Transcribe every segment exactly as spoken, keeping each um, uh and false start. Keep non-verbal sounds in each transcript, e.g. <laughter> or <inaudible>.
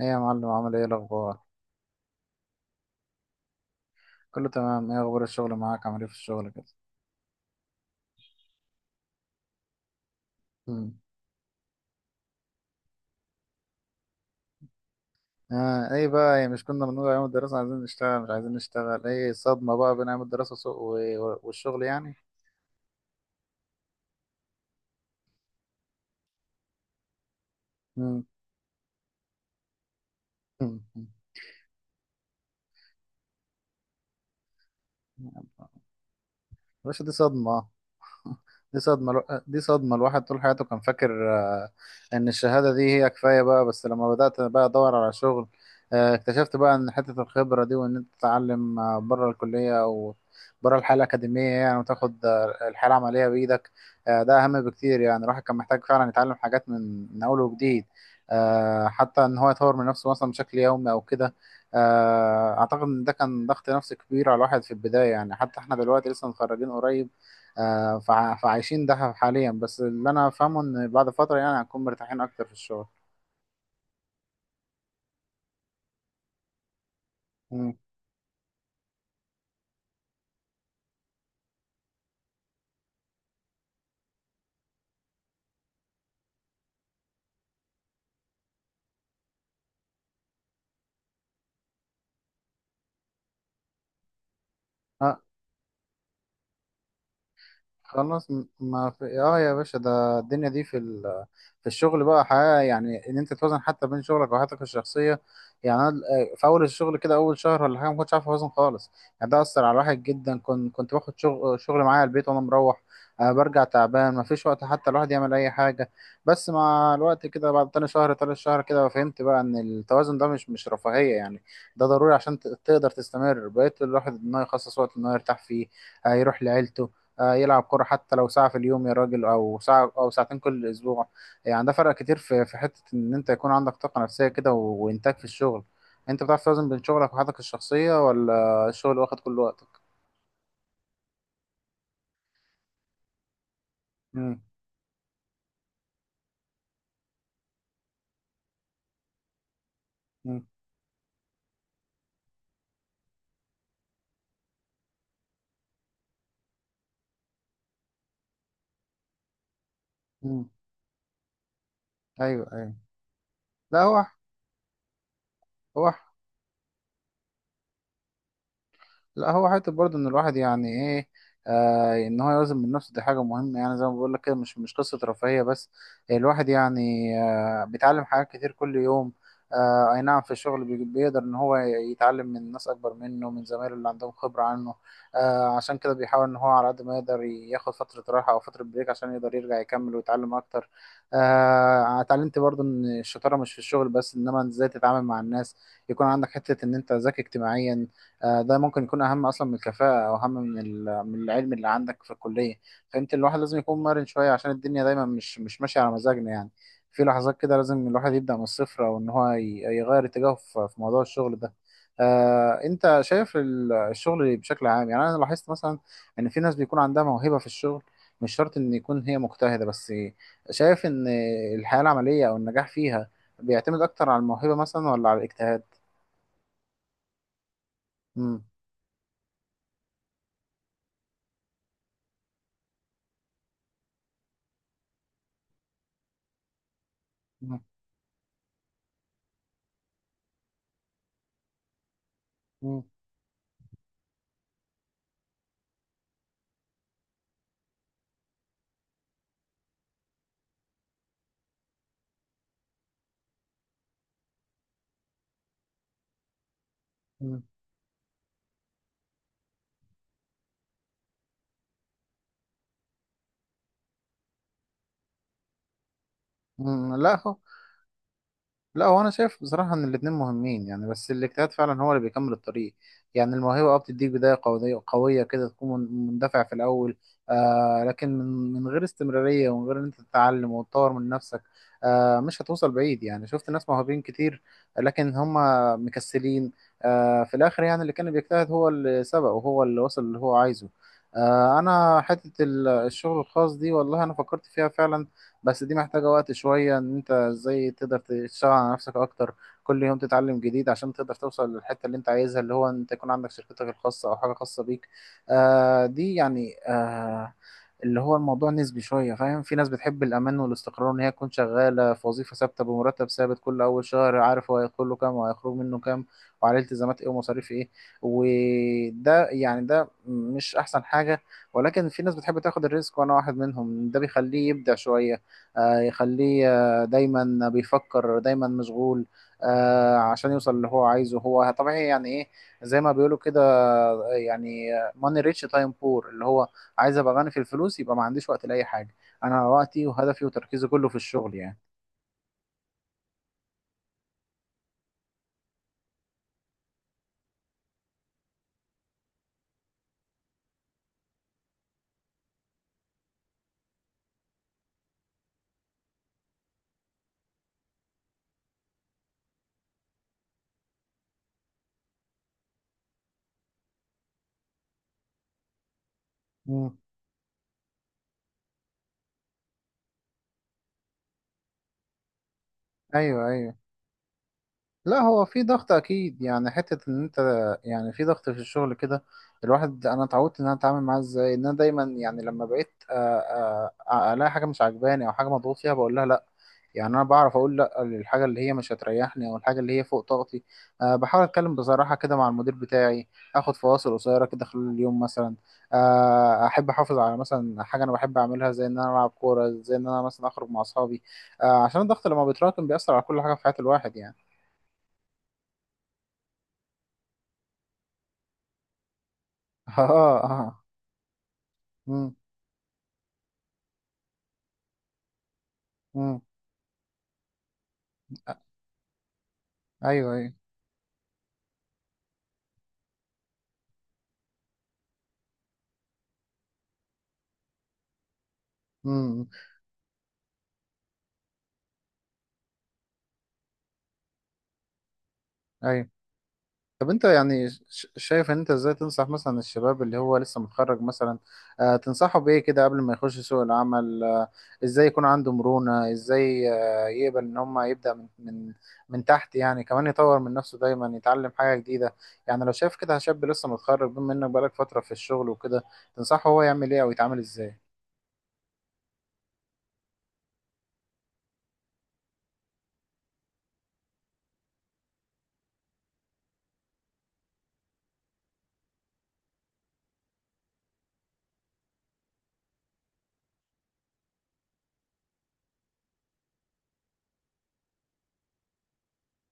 ايه يا معلم، عامل ايه الاخبار؟ كله تمام. ايه اخبار الشغل معاك؟ عامل ايه في الشغل كده؟ امم آه، ايه بقى، إيه مش كنا بنقول ايام الدراسه عايزين نشتغل مش عايزين نشتغل؟ ايه الصدمه بقى بين ايام الدراسه وسوق- و- والشغل يعني؟ امم <laughs> يا باشا دي صدمه. <laughs> دي صدمة الو- دي صدمة الواحد طول حياته كان فاكر، آه، إن الشهادة دي هي كفاية بقى، بس لما بدأت بقى أدور على شغل، آه، اكتشفت بقى إن حتة الخبرة دي، وإن أنت تتعلم آه، بره الكلية أو بره الحالة الأكاديمية يعني، وتاخد آه، الحالة العملية بإيدك. آه، ده أهم بكتير، يعني الواحد كان محتاج فعلا يتعلم حاجات من من أول وجديد. آه، حتى إن هو يطور من نفسه مثلا بشكل يومي أو كده. آه، أعتقد إن ده كان ضغط نفسي كبير على الواحد في البداية، يعني حتى إحنا دلوقتي لسه متخرجين قريب. آه، فع- فعايشين ده حاليا، بس اللي انا فاهمه ان بعد فتره يعني هنكون مرتاحين اكتر في الشغل. مم. آه، خلاص، م- ما في اه يا باشا، ده الدنيا دي في ال... في الشغل بقى حياة، يعني ان انت توازن حتى بين شغلك وحياتك الشخصية. يعني انا آه، في اول الشغل كده، اول شهر ولا حاجة ما كنتش عارف اوازن خالص. يعني ده اثر على الواحد جدا، كنت كنت باخد شغل شغل معايا البيت وانا مروح، آه برجع تعبان، ما فيش وقت حتى الواحد يعمل اي حاجة. بس مع الوقت كده، بعد تاني شهر تالت شهر كده، فهمت بقى ان التوازن ده مش مش رفاهية يعني، ده ضروري عشان ت- تقدر تستمر. بقيت الواحد ان هو يخصص وقت ان هو يرتاح فيه، هيروح لعيلته، آه، يلعب كرة حتى لو ساعة في اليوم يا راجل، أو ساعة أو ساعتين كل أسبوع. يعني ده فرق كتير في في حتة إن أنت يكون عندك طاقة نفسية كده، و- وإنتاج في الشغل. أنت بتعرف توازن بين شغلك وحياتك الشخصية ولا الشغل واخد كل وقتك؟ مم. مم. مم. أيوه، أيوه. لا هو هو لا هو حته برضه ان الواحد يعني ايه، آه ان هو يوازن من نفسه دي حاجه مهمه، يعني زي ما بقول لك كده، مش مش قصه رفاهيه بس، الواحد يعني آه بيتعلم حاجات كتير كل يوم. آه اي نعم، في الشغل بي- بيقدر ان هو يتعلم من ناس اكبر منه، من زمايله اللي عندهم خبره عنه. آه عشان كده بيحاول ان هو على قد ما يقدر ياخد فتره راحه او فتره بريك، عشان يقدر يرجع يكمل ويتعلم اكتر. آه اتعلمت برضه ان الشطاره مش في الشغل بس، انما ازاي تتعامل مع الناس، يكون عندك حته ان انت ذكي اجتماعيا. آه، ده ممكن يكون اهم اصلا من الكفاءه، او اهم من ال- من العلم اللي عندك في الكليه. فانت الواحد لازم يكون مرن شويه، عشان الدنيا دايما مش مش ماشيه على مزاجنا يعني. في لحظات كده لازم الواحد يبدا من الصفر، او ان هو ي- يغير اتجاهه في في موضوع الشغل ده. آه، انت شايف ال- الشغل بشكل عام، يعني انا لاحظت مثلا ان في ناس بيكون عندها موهبه في الشغل، مش شرط ان يكون هي مجتهده بس. شايف ان الحياه العمليه او النجاح فيها بيعتمد اكتر على الموهبه مثلا ولا على الاجتهاد؟ امم مم، لا هو، لا هو انا شايف بصراحه ان الاثنين مهمين يعني، بس الاجتهاد فعلا هو اللي بيكمل الطريق. يعني الموهبه اه بتديك بدايه قويه، قويه كده تكون من- مندفع في الاول، آه لكن من من غير استمراريه، ومن غير ان انت تتعلم وتطور من نفسك، آه مش هتوصل بعيد يعني. شفت ناس موهوبين كتير لكن هم مكسلين، آه في الاخر يعني اللي كان بيجتهد هو اللي سبق، وهو اللي وصل اللي هو عايزه. آه انا حته ال- الشغل الخاص دي، والله انا فكرت فيها فعلا، بس دي محتاجة وقت شوية، ان انت ازاي تقدر تشتغل على نفسك اكتر، كل يوم تتعلم جديد عشان تقدر توصل للحتة اللي انت عايزها، اللي هو انت يكون عندك شركتك الخاصة، او حاجة خاصة بيك. آه دي يعني آه اللي هو، الموضوع نسبي شوية، فاهم؟ في ناس بتحب الأمان والاستقرار، إن هي تكون شغالة في وظيفة ثابتة بمرتب ثابت، كل أول شهر عارف هو هيدخل له كام وهيخرج منه كام، وعليه التزامات إيه ومصاريف إيه. وده يعني ده مش أحسن حاجة، ولكن في ناس بتحب تاخد الريسك، وأنا واحد منهم. ده بيخليه يبدع شوية، آه، يخليه آه، دايما بيفكر، دايما مشغول، آه، عشان يوصل اللي هو عايزه. هو طبيعي يعني ايه، زي ما بيقولوا كده، آه، يعني ماني ريتش تايم بور، اللي هو عايز ابقى غني في الفلوس يبقى ما عنديش وقت لاي حاجه. انا وقتي وهدفي وتركيزي كله في الشغل يعني. مم. ايوه، ايوه. لا هو في ضغط اكيد يعني، حته ان انت يعني في ضغط في الشغل كده. الواحد انا اتعودت ان انا اتعامل معاه ازاي، ان انا دايما يعني، لما بقيت آه، آه، الاقي حاجه مش عاجباني او حاجه مضغوط فيها بقول لها لا. يعني انا بعرف اقول لا للحاجه اللي هي مش هتريحني، او الحاجه اللي هي فوق طاقتي. أه بحاول اتكلم بصراحه كده مع المدير بتاعي، اخد فواصل قصيره كده خلال اليوم مثلا. أه احب احافظ على مثلا حاجه انا بحب اعملها، زي ان انا العب كوره، زي ان انا مثلا اخرج مع اصحابي. أه عشان الضغط لما بيتراكم بيأثر على كل حاجه في حياه الواحد يعني. اه، اه. امم، امم. ايوه، ايوه. امم. ايوه. طب انت يعني، ش- شايف ان انت ازاي تنصح مثلا الشباب اللي هو لسه متخرج مثلا، آه تنصحه بايه كده قبل ما يخش سوق العمل، آه ازاي يكون عنده مرونة، ازاي آه يقبل ان هم يبدأ من من من تحت يعني، كمان يطور من نفسه دايما يتعلم حاجة جديدة؟ يعني لو شايف كده شاب لسه متخرج، بما انك بقالك فترة في الشغل وكده، تنصحه هو يعمل ايه او يتعامل ازاي؟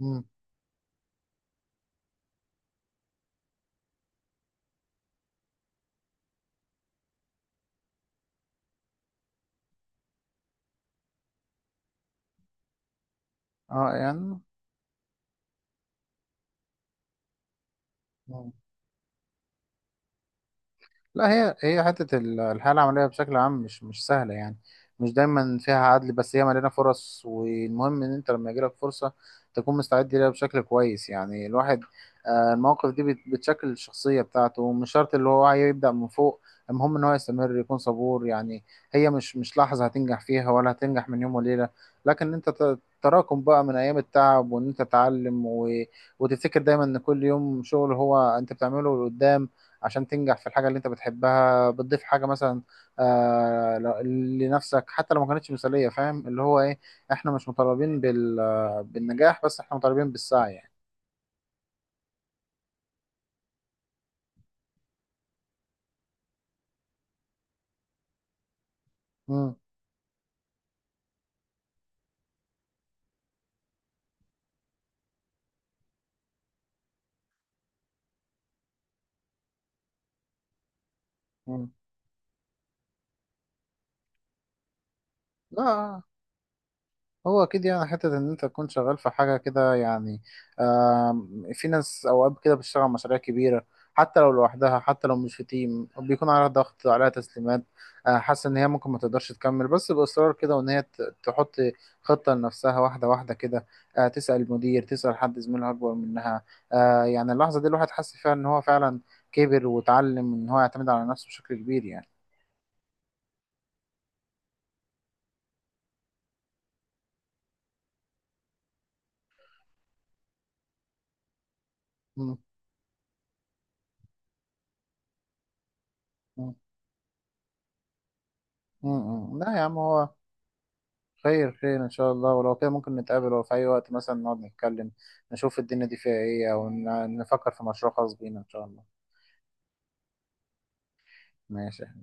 امم. اه، يعني، لا هي، هي حتة ال- الحياة العملية بشكل عام مش مش سهلة يعني، مش دايما فيها عدل، بس هي مليانة فرص، والمهم إن أنت لما يجيلك فرصة تكون مستعد ليها بشكل كويس. يعني الواحد، آه، المواقف دي بت- بتشكل الشخصية بتاعته، مش شرط اللي هو يبدأ من فوق، المهم إن هو يستمر، يكون صبور يعني. هي مش مش لحظة هتنجح فيها، ولا هتنجح من يوم وليلة، لكن أنت ت- تراكم بقى من أيام التعب، وإن أنت تتعلم و... وتفتكر دايما إن كل يوم شغل هو أنت بتعمله لقدام، عشان تنجح في الحاجة اللي انت بتحبها، بتضيف حاجة مثلا آه ل- لنفسك، حتى لو ما كانتش مثالية، فاهم اللي هو ايه؟ احنا مش مطالبين بال بالنجاح بس، احنا مطالبين بالسعي يعني. مم. مم. لا هو اكيد يعني، حته ان انت تكون شغال في حاجه كده يعني. آم، في ناس اوقات كده بتشتغل على مشاريع كبيره، حتى لو لوحدها، حتى لو مش في تيم، بيكون عليها ضغط، عليها تسليمات، آه، حاسه ان هي ممكن ما تقدرش تكمل، بس باصرار كده، وان هي ت- تحط خطه لنفسها واحده واحده كده، آه، تسال المدير، تسال حد زميلها اكبر منها. آه، يعني اللحظه دي الواحد حس فيها ان هو فعلا كبر، وتعلم ان هو يعتمد على نفسه بشكل كبير يعني. م- م- م- م. لا يا عم، هو خير، خير إن شاء الله. ولو كده ممكن نتقابل، أو في أي وقت مثلا نقعد نتكلم، نشوف الدنيا دي فيها إيه، أو ن- نفكر في مشروع خاص بينا إن شاء الله. ماشي.